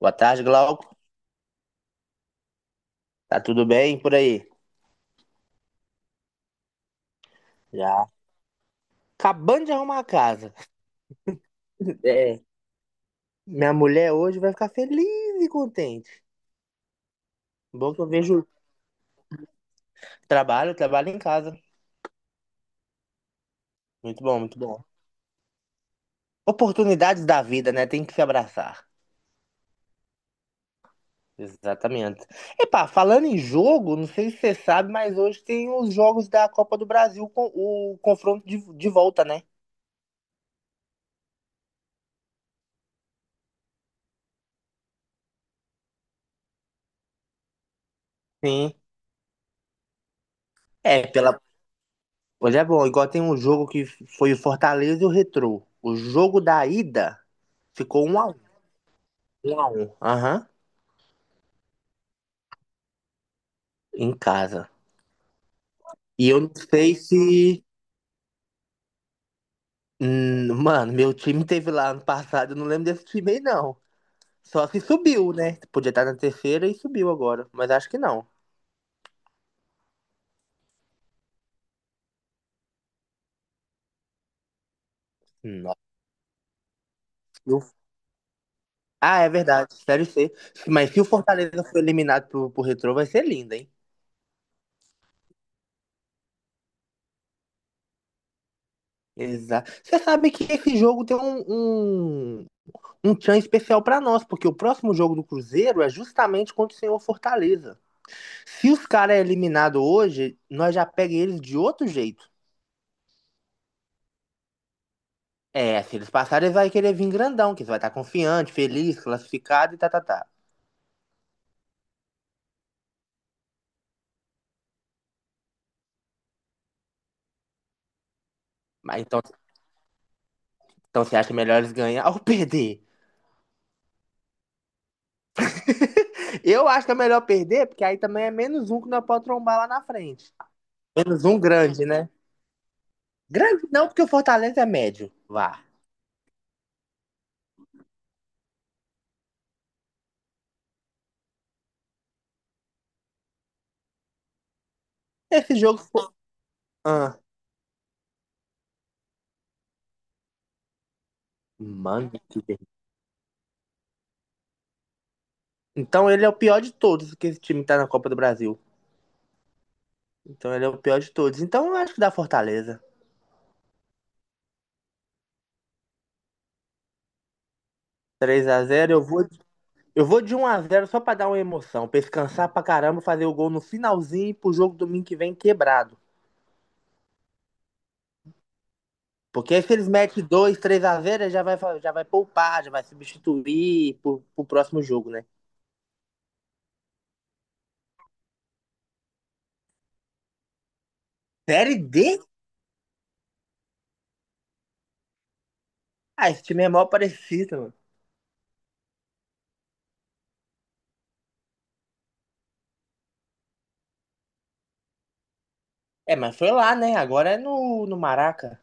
Boa tarde, Glauco. Tá tudo bem por aí? Já. Acabando de arrumar a casa. É, minha mulher hoje vai ficar feliz e contente. Bom que eu vejo trabalho em casa. Muito bom, muito bom. Oportunidades da vida, né? Tem que se abraçar. Exatamente. Epá, falando em jogo, não sei se você sabe, mas hoje tem os jogos da Copa do Brasil com o confronto de volta, né? Sim. É, pela, Olha, é bom, igual tem um jogo que foi o Fortaleza e o Retrô. O jogo da ida ficou 1 a 1. 1 a 1. Aham. Em casa. E eu não sei se. Mano, meu time teve lá ano passado, eu não lembro desse time aí, não. Só se subiu, né? Podia estar na terceira e subiu agora. Mas acho que não. Nossa. e o- Ah, é verdade. Série C. Mas se o Fortaleza for eliminado pro Retrô, vai ser lindo, hein? Exato. Você sabe que esse jogo tem um um tchan especial para nós, porque o próximo jogo do Cruzeiro é justamente contra o senhor Fortaleza. Se os caras é eliminado hoje, nós já pega eles de outro jeito. É, se eles passarem, eles vai querer vir grandão, que eles vai estar confiante, feliz, classificado e tá, tá, tá. Mas então você acha melhor eles ganhar ou perder? Eu acho que é melhor perder, porque aí também é menos um que nós podemos trombar lá na frente. Menos um grande, né? Grande não, porque o Fortaleza é médio. Vá. Esse jogo foi. Ah, mano, que. Então ele é o pior de todos que esse time tá na Copa do Brasil. Então ele é o pior de todos. Então eu acho que dá Fortaleza. 3 a 0, eu vou de 1 a 0 só pra dar uma emoção. Pra eles cansar pra caramba, fazer o gol no finalzinho e pro jogo domingo que vem quebrado. Porque aí se eles metem dois, 3 a 0, ele já vai poupar, já vai substituir pro próximo jogo, né? Série D? Ah, esse time é mal parecido, mano. É, mas foi lá, né? Agora é no Maraca.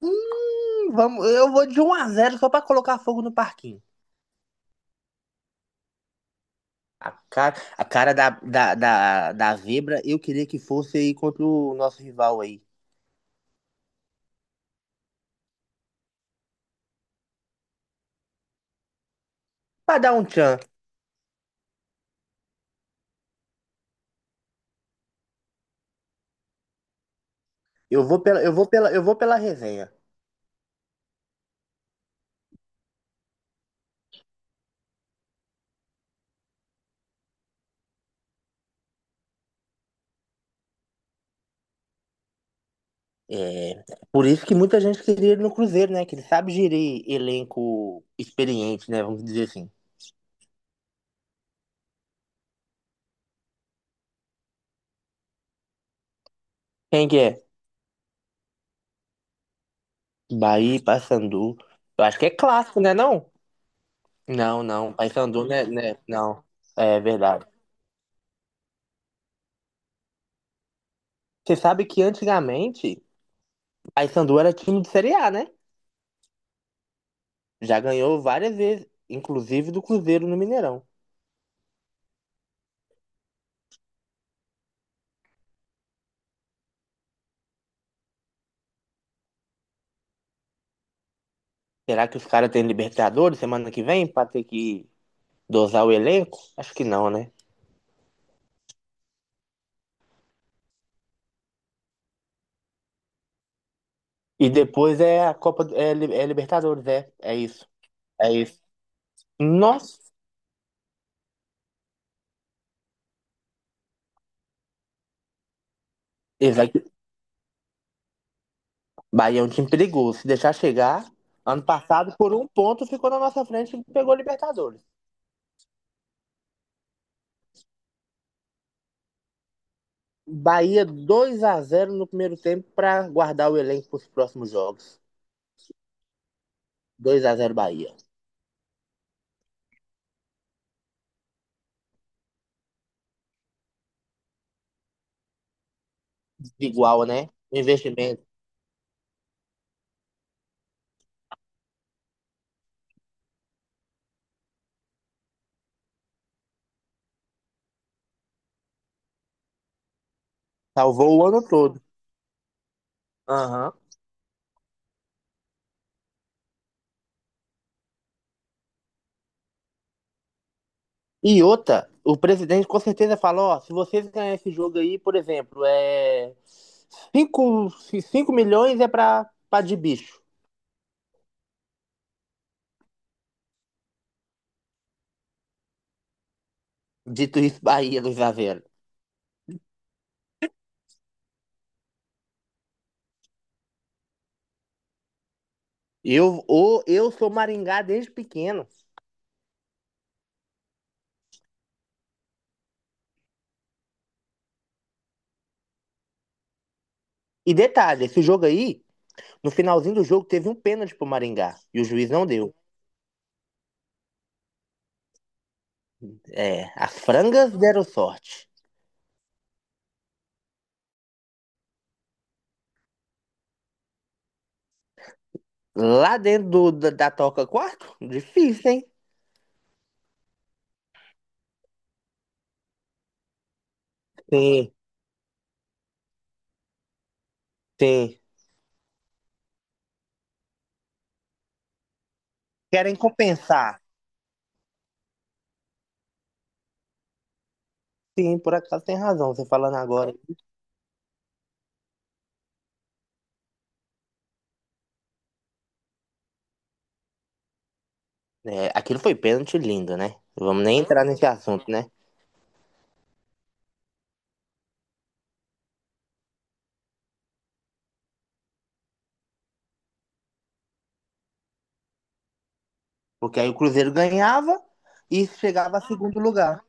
Hum, vamos, eu vou de 1 a 0 só pra colocar fogo no parquinho. A cara, da Vibra, eu queria que fosse aí contra o nosso rival aí. Pra dar um tchan. Eu vou pela, eu vou pela, eu vou pela resenha. É, por isso que muita gente queria ele no Cruzeiro, né? Que ele sabe gerir elenco experiente, né? Vamos dizer assim. Quem que é? Bahia, Paysandu. Eu acho que é clássico, né? Não? Não, não. Paysandu, né? Não. É verdade. Você sabe que antigamente Paysandu era time de Série A, né? Já ganhou várias vezes, inclusive do Cruzeiro no Mineirão. Será que os caras têm Libertadores semana que vem para ter que dosar o elenco? Acho que não, né? E depois é a Copa, é Libertadores, é isso, é isso. Nossa, exato. Bahia é um time perigoso. Se deixar chegar, ano passado por um ponto ficou na nossa frente e pegou Libertadores. Bahia 2 a 0 no primeiro tempo para guardar o elenco para os próximos jogos. 2 a 0 Bahia. Igual, né? O investimento salvou o ano todo. Aham. E outra, o presidente com certeza fala, ó, se vocês ganharem esse jogo aí, por exemplo, é cinco cinco milhões é pra de bicho. Dito isso, Bahia do Isavero. Eu sou Maringá desde pequeno. E detalhe, esse jogo aí, no finalzinho do jogo, teve um pênalti pro Maringá. E o juiz não deu. É, as frangas deram sorte. Lá dentro da toca 4? Difícil, hein? Sim, sim. Querem compensar. Sim, por acaso tem razão, você falando agora. É, aquilo foi pênalti lindo, né? Vamos nem entrar nesse assunto, né? Porque aí o Cruzeiro ganhava e chegava a segundo lugar.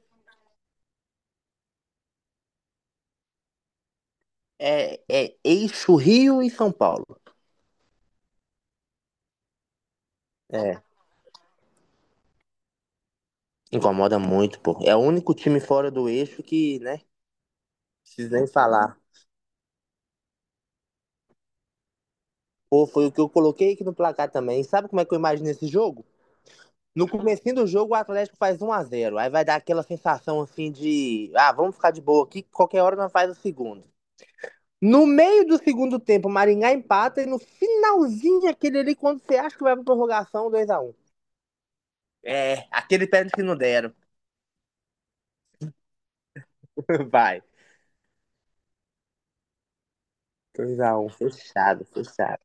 É eixo Rio e São Paulo. É, incomoda muito, pô. É o único time fora do eixo que, né? Precisa nem falar. Pô, foi o que eu coloquei aqui no placar também. E sabe como é que eu imagino esse jogo? No comecinho do jogo, o Atlético faz 1 a 0. Aí vai dar aquela sensação assim de, ah, vamos ficar de boa aqui, qualquer hora nós faz o segundo. No meio do segundo tempo, o Maringá empata e no finalzinho aquele ali, quando você acha que vai pra prorrogação, 2 a 1. É, aquele pênalti que não deram. Vai. 2 a 1 fechado, fechado.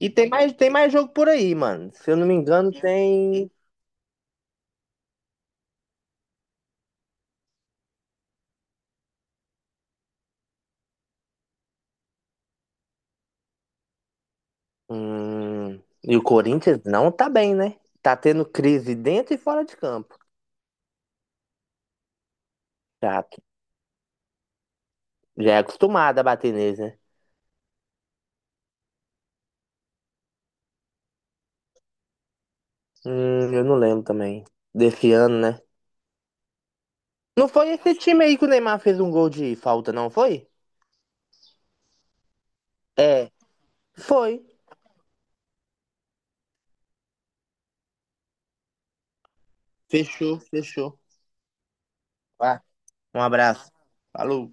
E tem mais jogo por aí, mano. Se eu não me engano, tem. Hum, E o Corinthians não tá bem, né? Tá tendo crise dentro e fora de campo. Chato. Já é acostumado a bater neles, né? Eu não lembro também. Desse ano, né? Não foi esse time aí que o Neymar fez um gol de falta, não foi? É, Foi. Fechou, fechou. Vá, um abraço. Falou.